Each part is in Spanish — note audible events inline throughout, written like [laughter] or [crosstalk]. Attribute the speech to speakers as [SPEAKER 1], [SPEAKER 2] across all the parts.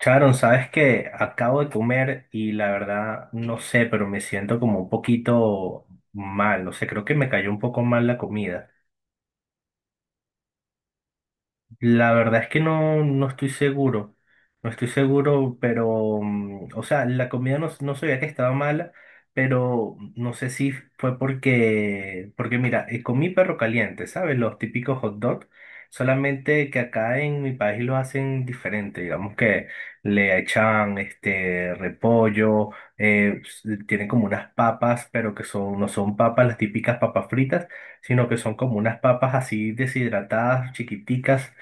[SPEAKER 1] Sharon, sabes que acabo de comer y la verdad no sé, pero me siento como un poquito mal, no sé, creo que me cayó un poco mal la comida. La verdad es que no, no estoy seguro, no estoy seguro, pero, o sea, la comida no, no sabía que estaba mala, pero no sé si fue porque mira, comí perro caliente, ¿sabes? Los típicos hot dogs, solamente que acá en mi país lo hacen diferente, digamos que le echan este repollo, tienen como unas papas, pero que son, no son papas, las típicas papas fritas, sino que son como unas papas así deshidratadas, chiquiticas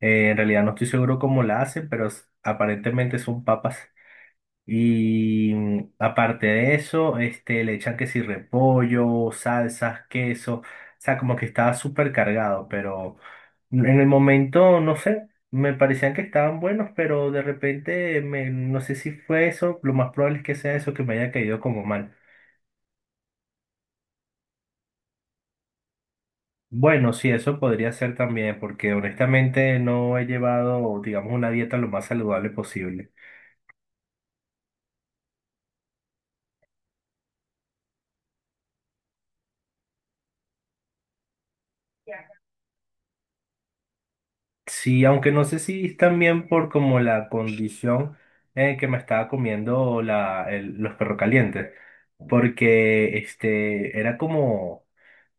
[SPEAKER 1] en realidad no estoy seguro cómo la hace, pero aparentemente son papas. Y aparte de eso, este, le echan que si repollo, salsas, queso. O sea, como que estaba súper cargado, pero en el momento, no sé, me parecían que estaban buenos, pero de repente, me, no sé si fue eso, lo más probable es que sea eso que me haya caído como mal. Bueno, sí, eso podría ser también, porque honestamente no he llevado, digamos, una dieta lo más saludable posible. Sí, aunque no sé si es también por como la condición en que me estaba comiendo la, los perros calientes, porque este era como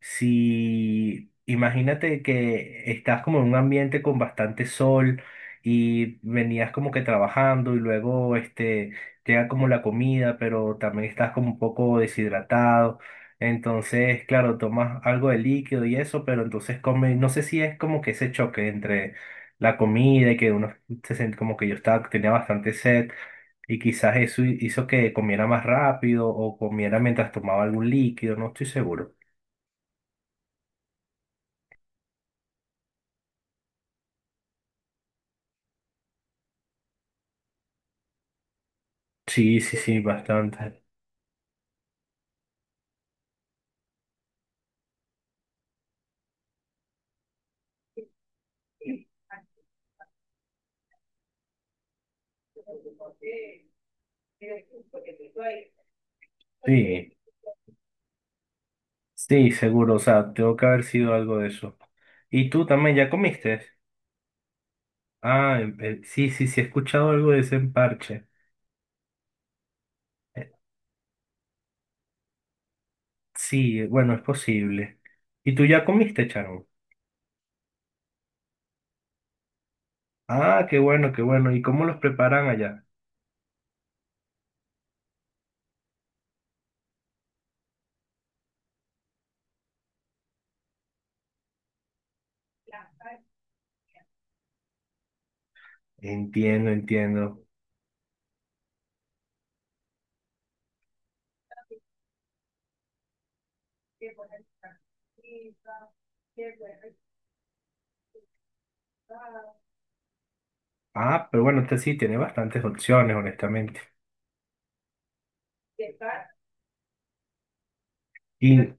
[SPEAKER 1] si, imagínate que estás como en un ambiente con bastante sol y venías como que trabajando y luego este llega como la comida, pero también estás como un poco deshidratado. Entonces, claro, tomas algo de líquido y eso, pero entonces comes, no sé si es como que ese choque entre la comida y que uno como que yo estaba, tenía bastante sed y quizás eso hizo que comiera más rápido o comiera mientras tomaba algún líquido, no estoy seguro. Sí, sí, sí, bastante. Sí, sí, seguro, o sea, tengo que haber sido algo de eso. ¿Y tú también ya comiste? Ah, sí, sí, sí, he escuchado algo de ese emparche. Eh, Sí, bueno, es posible. ¿Y tú ya comiste, Charo? Ah, qué bueno, qué bueno. ¿Y cómo los preparan allá? Entiendo, entiendo. Ah, pero bueno, este sí tiene bastantes opciones, honestamente. Y,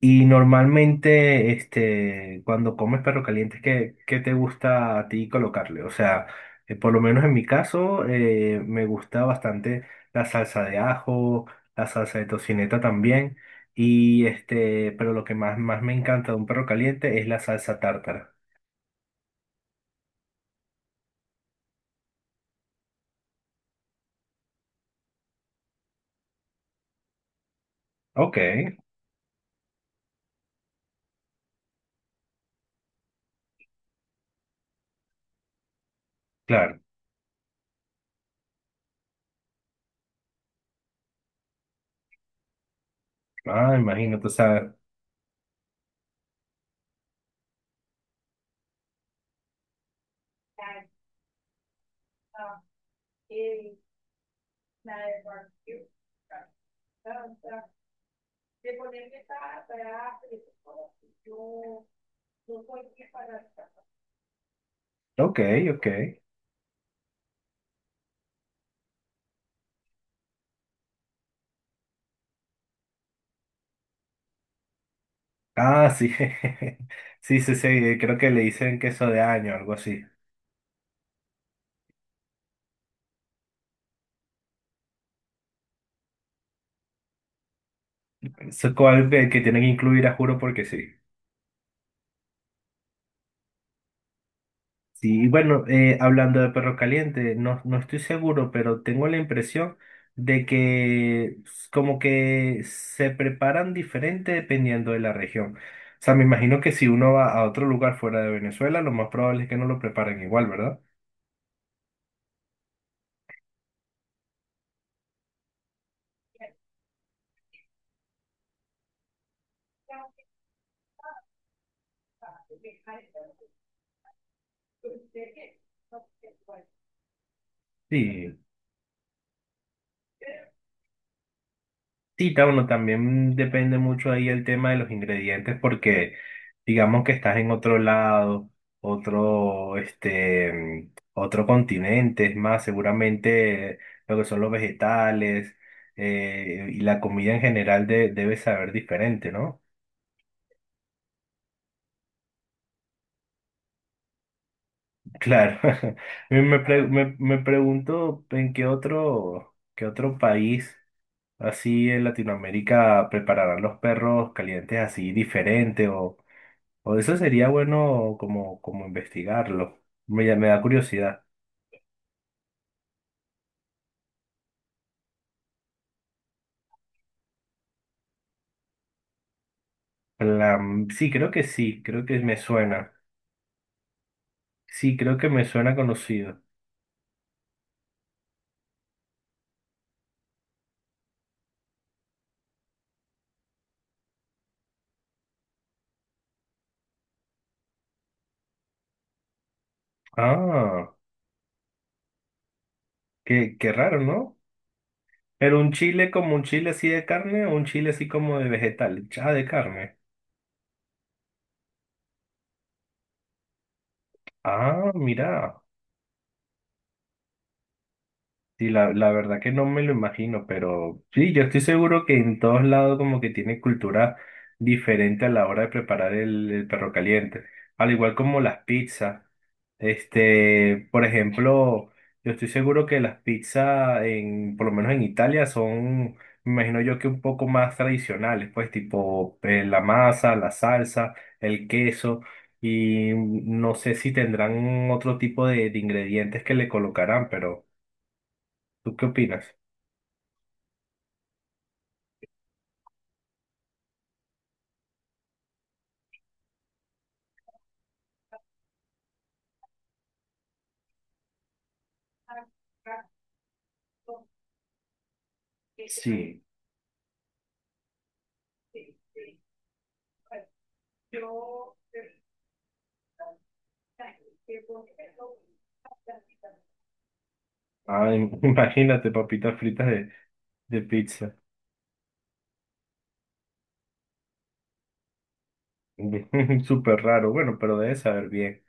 [SPEAKER 1] y normalmente, este, cuando comes perro caliente, ¿qué, qué te gusta a ti colocarle? O sea, por lo menos en mi caso, me gusta bastante la salsa de ajo, la salsa de tocineta también. Y este, pero lo que más, más me encanta de un perro caliente es la salsa tártara. Ok, claro. Ah, imagínate, o sea, ok, ok. Ah, sí. [laughs] Sí, sí, sí. Creo que le dicen queso de año, algo así. Eso es algo que tienen que incluir, a juro, porque sí. Sí, y bueno, hablando de perro caliente, no, no estoy seguro, pero tengo la impresión de que como que se preparan diferente dependiendo de la región. O sea, me imagino que si uno va a otro lugar fuera de Venezuela, lo más probable es que no lo preparen igual, ¿verdad? Sí. Sí, claro, uno también depende mucho ahí el tema de los ingredientes porque digamos que estás en otro lado, otro, este, otro continente, es más, seguramente lo que son los vegetales y la comida en general debe saber diferente, ¿no? Claro, [laughs] me pregunto en qué otro país así en Latinoamérica prepararán los perros calientes así diferente. O eso sería bueno como, como investigarlo. Me da curiosidad. Plan- sí, creo que me suena. Sí, creo que me suena conocido. Ah, qué, qué raro, ¿no? Pero un chile como un chile así de carne o un chile así como de vegetal. Ah, de carne. Ah, mira. Sí, la verdad que no me lo imagino, pero sí, yo estoy seguro que en todos lados como que tienen cultura diferente a la hora de preparar el perro caliente, al igual como las pizzas. Este, por ejemplo, yo estoy seguro que las pizzas en, por lo menos en Italia son, me imagino yo que un poco más tradicionales, pues tipo la masa, la salsa, el queso y no sé si tendrán otro tipo de ingredientes que le colocarán, pero... ¿Tú qué opinas? Sí. Ay, [laughs] imagínate papitas fritas de pizza. [laughs] Súper raro. Bueno, pero debe saber bien.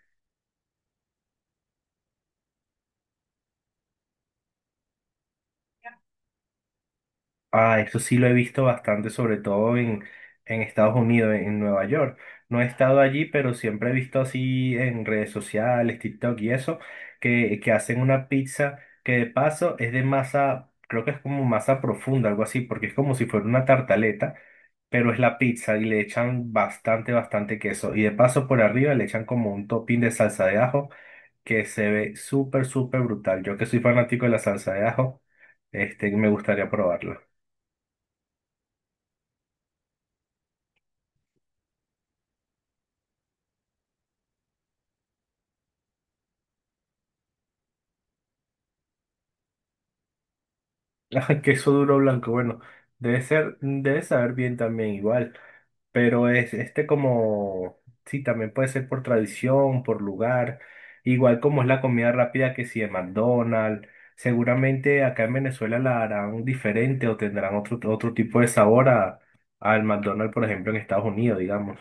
[SPEAKER 1] Ah, eso sí lo he visto bastante, sobre todo en Estados Unidos, en Nueva York. No he estado allí, pero siempre he visto así en redes sociales, TikTok y eso, que hacen una pizza que de paso es de masa, creo que es como masa profunda, algo así, porque es como si fuera una tartaleta, pero es la pizza y le echan bastante, bastante queso. Y de paso por arriba le echan como un topping de salsa de ajo que se ve súper, súper brutal. Yo que soy fanático de la salsa de ajo, este, me gustaría probarlo. Ay, queso duro blanco, bueno, debe ser, debe saber bien también igual, pero es este como, sí, también puede ser por tradición, por lugar, igual como es la comida rápida que si de McDonald's, seguramente acá en Venezuela la harán diferente o tendrán otro, otro tipo de sabor a, al McDonald's, por ejemplo, en Estados Unidos, digamos.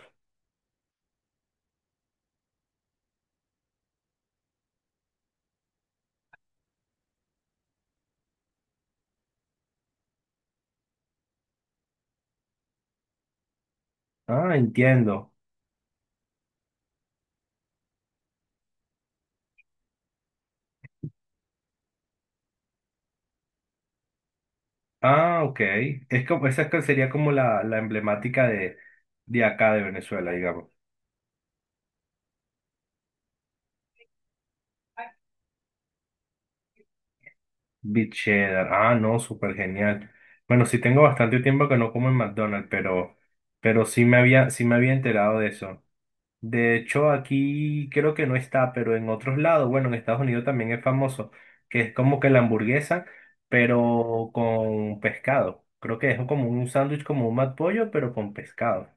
[SPEAKER 1] Ah, entiendo. Ah, ok. Es como, esa es que sería como la emblemática de acá de Venezuela, digamos. Beef cheddar. Ah, no, súper genial. Bueno, sí tengo bastante tiempo que no como en McDonald's, pero sí me había enterado de eso. De hecho, aquí creo que no está, pero en otros lados, bueno, en Estados Unidos también es famoso, que es como que la hamburguesa, pero con pescado. Creo que es como un sándwich, como un McPollo, pero con pescado.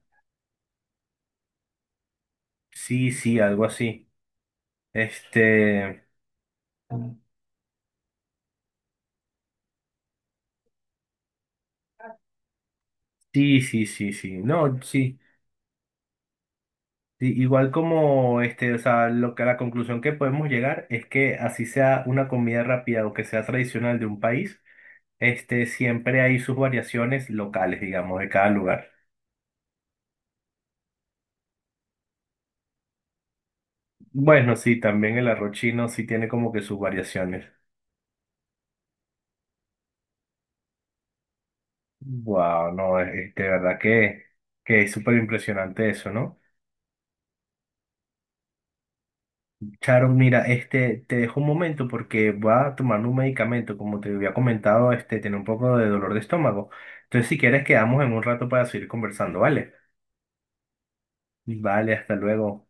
[SPEAKER 1] Sí, sí, algo así. Este, sí, sí, sí, sí. No, sí. Sí, igual como este, o sea, lo que la conclusión que podemos llegar es que así sea una comida rápida o que sea tradicional de un país, este, siempre hay sus variaciones locales, digamos, de cada lugar. Bueno, sí, también el arroz chino sí tiene como que sus variaciones. Wow, no, de verdad que es súper impresionante eso, ¿no? Charo, mira, este, te dejo un momento porque voy a tomar un medicamento, como te había comentado, este, tiene un poco de dolor de estómago. Entonces, si quieres, quedamos en un rato para seguir conversando, ¿vale? Vale, hasta luego.